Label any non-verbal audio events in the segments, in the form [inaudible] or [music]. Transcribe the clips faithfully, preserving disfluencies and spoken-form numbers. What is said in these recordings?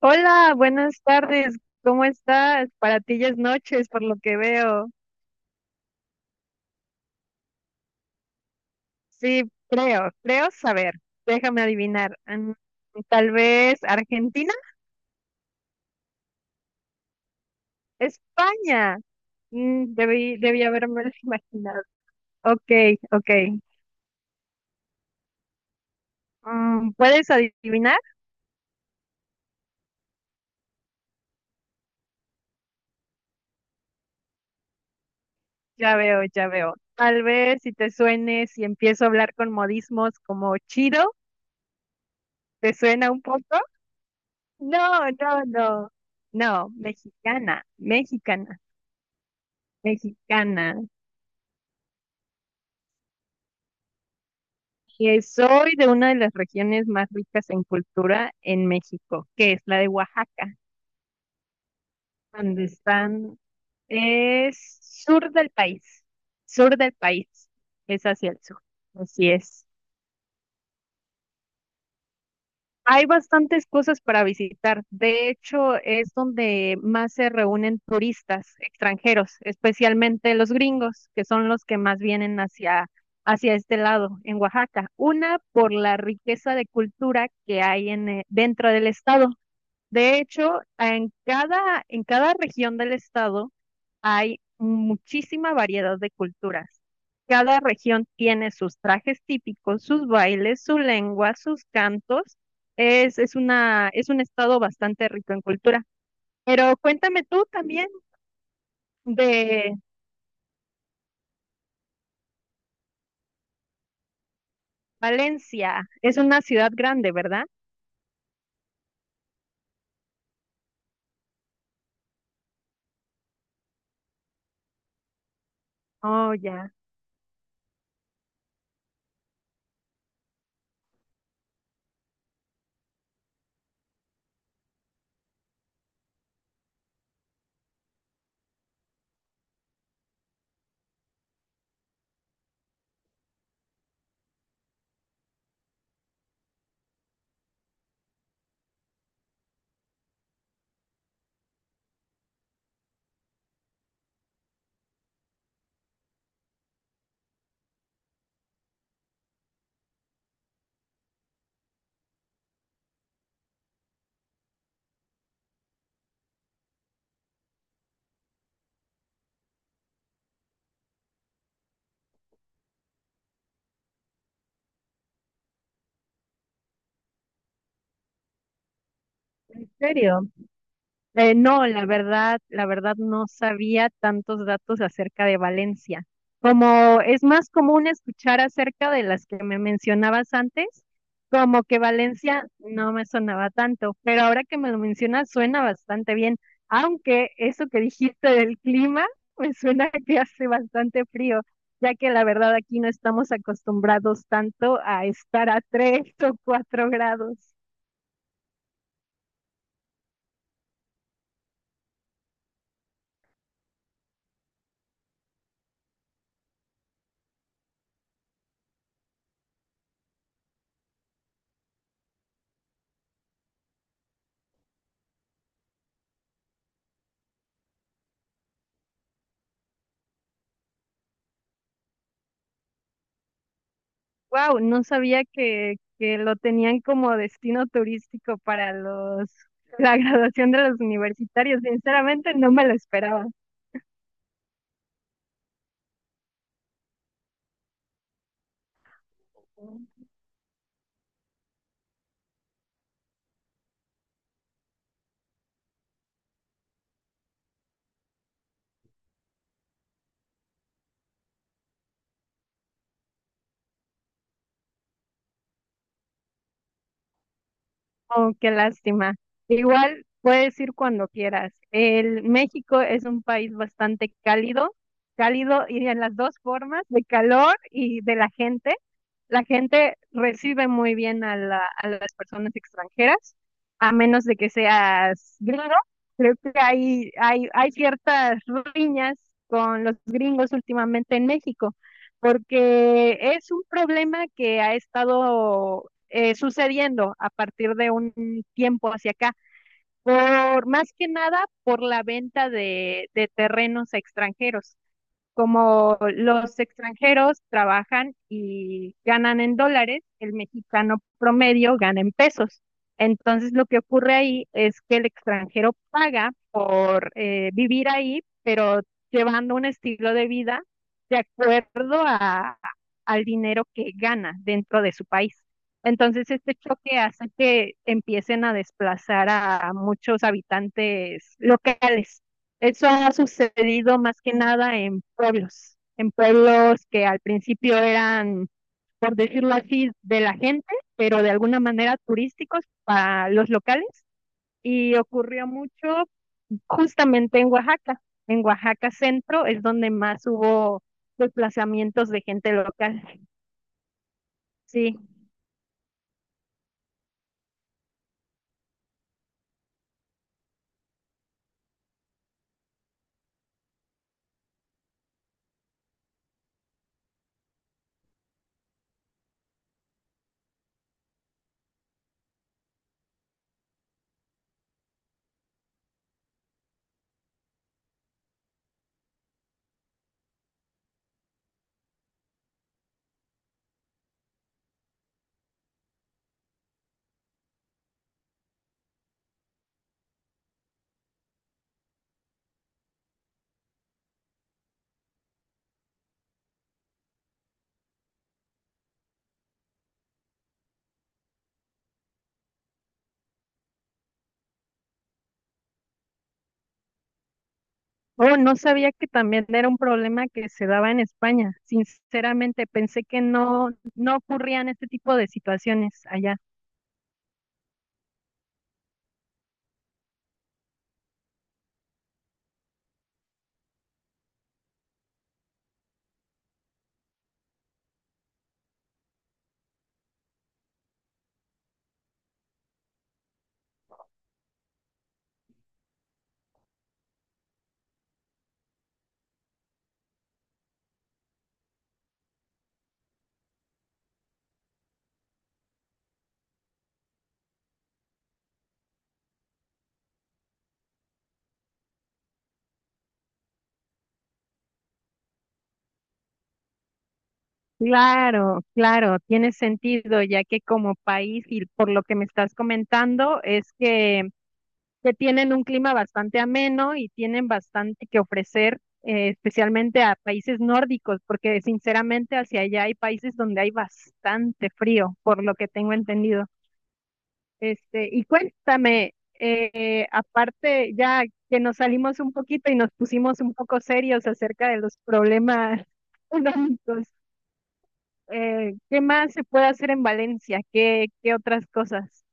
Hola, buenas tardes. ¿Cómo estás? Para ti ya es noches, por lo que veo. Sí, creo, creo saber. Déjame adivinar. Mm, Tal vez Argentina, España. Mm, debí, debí haberme [laughs] imaginado. Ok, ok. Mm, ¿puedes adivinar? Ya veo, ya veo. Tal vez si te suene, si empiezo a hablar con modismos como chido, ¿te suena un poco? No, no, no. No, mexicana, mexicana, mexicana. Que soy de una de las regiones más ricas en cultura en México, que es la de Oaxaca, donde están, es sur del país, sur del país, es hacia el sur, así es. Hay bastantes cosas para visitar, de hecho es donde más se reúnen turistas extranjeros, especialmente los gringos, que son los que más vienen hacia, hacia este lado, en Oaxaca. Una por la riqueza de cultura que hay en, eh, dentro del estado. De hecho, en cada, en cada región del estado hay muchísima variedad de culturas. Cada región tiene sus trajes típicos, sus bailes, su lengua, sus cantos. Es, es una, es un estado bastante rico en cultura. Pero cuéntame tú también de Valencia. Es una ciudad grande, ¿verdad? Oh, ya. ¿En serio? Eh, no, la verdad, la verdad no sabía tantos datos acerca de Valencia. Como es más común escuchar acerca de las que me mencionabas antes, como que Valencia no me sonaba tanto, pero ahora que me lo mencionas suena bastante bien, aunque eso que dijiste del clima, pues suena [laughs] que hace bastante frío, ya que la verdad aquí no estamos acostumbrados tanto a estar a tres o cuatro grados. Wow, no sabía que, que lo tenían como destino turístico para los [laughs] la graduación de los universitarios. Sinceramente, no me lo esperaba. Oh, qué lástima. Igual puedes ir cuando quieras. El México es un país bastante cálido, cálido y en las dos formas, de calor y de la gente. La gente recibe muy bien a, la- a las personas extranjeras, a menos de que seas gringo. Creo que hay, hay, hay ciertas riñas con los gringos últimamente en México, porque es un problema que ha estado eh, sucediendo a partir de un tiempo hacia acá, por más que nada por la venta de, de terrenos a extranjeros. Como los extranjeros trabajan y ganan en dólares, el mexicano promedio gana en pesos. Entonces lo que ocurre ahí es que el extranjero paga por eh, vivir ahí, pero llevando un estilo de vida de acuerdo a, al dinero que gana dentro de su país. Entonces, este choque hace que empiecen a desplazar a muchos habitantes locales. Eso ha sucedido más que nada en pueblos, en pueblos que al principio eran, por decirlo así, de la gente, pero de alguna manera turísticos para los locales. Y ocurrió mucho justamente en Oaxaca. En Oaxaca Centro es donde más hubo desplazamientos de gente local. Sí. Oh, no sabía que también era un problema que se daba en España. Sinceramente, pensé que no, no ocurrían este tipo de situaciones allá. Claro, claro, tiene sentido, ya que como país y por lo que me estás comentando es que, que tienen un clima bastante ameno y tienen bastante que ofrecer, eh, especialmente a países nórdicos, porque sinceramente hacia allá hay países donde hay bastante frío, por lo que tengo entendido. Este, y cuéntame, eh, aparte ya que nos salimos un poquito y nos pusimos un poco serios acerca de los problemas [laughs] económicos. Eh, ¿qué más se puede hacer en Valencia? ¿Qué, qué otras cosas?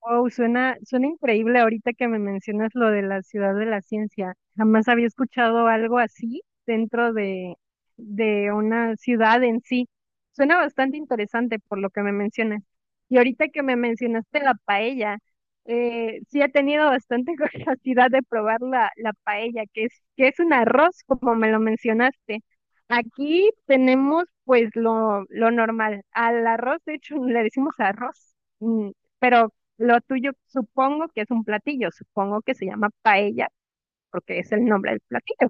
Wow, suena, suena increíble ahorita que me mencionas lo de la ciudad de la ciencia. Jamás había escuchado algo así dentro de, de una ciudad en sí. Suena bastante interesante por lo que me mencionas. Y ahorita que me mencionaste la paella, eh, sí he tenido bastante [laughs] curiosidad de probar la, la paella, que es, que es un arroz, como me lo mencionaste. Aquí tenemos pues lo, lo normal. Al arroz, de hecho, le decimos arroz. mm, pero lo tuyo supongo que es un platillo, supongo que se llama paella porque es el nombre del platillo.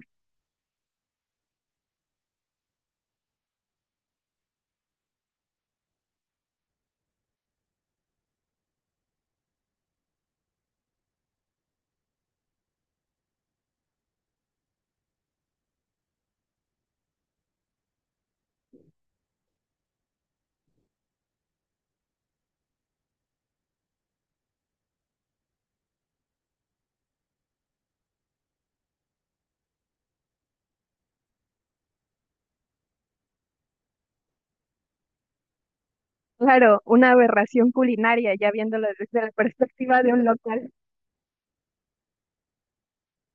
Claro, una aberración culinaria, ya viéndolo desde la perspectiva de un local.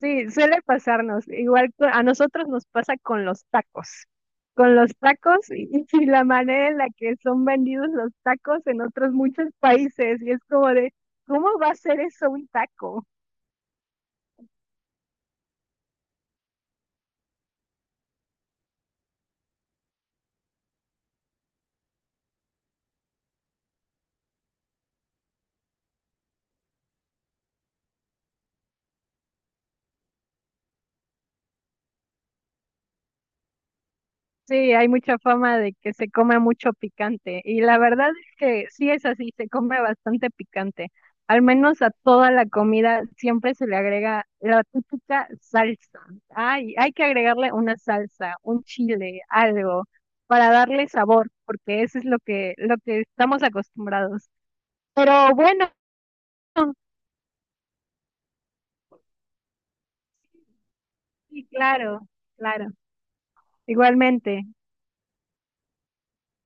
Sí, suele pasarnos. Igual co- a nosotros nos pasa con los tacos. Con los tacos y, [laughs] y la manera en la que son vendidos los tacos en otros muchos países. Y es como de, ¿cómo va a ser eso un taco? Sí, hay mucha fama de que se come mucho picante y la verdad es que sí es así, se come bastante picante. Al menos a toda la comida siempre se le agrega la típica salsa. Ay, hay que agregarle una salsa, un chile, algo para darle sabor, porque eso es lo que lo que estamos acostumbrados. Pero bueno, sí, claro, claro. Igualmente.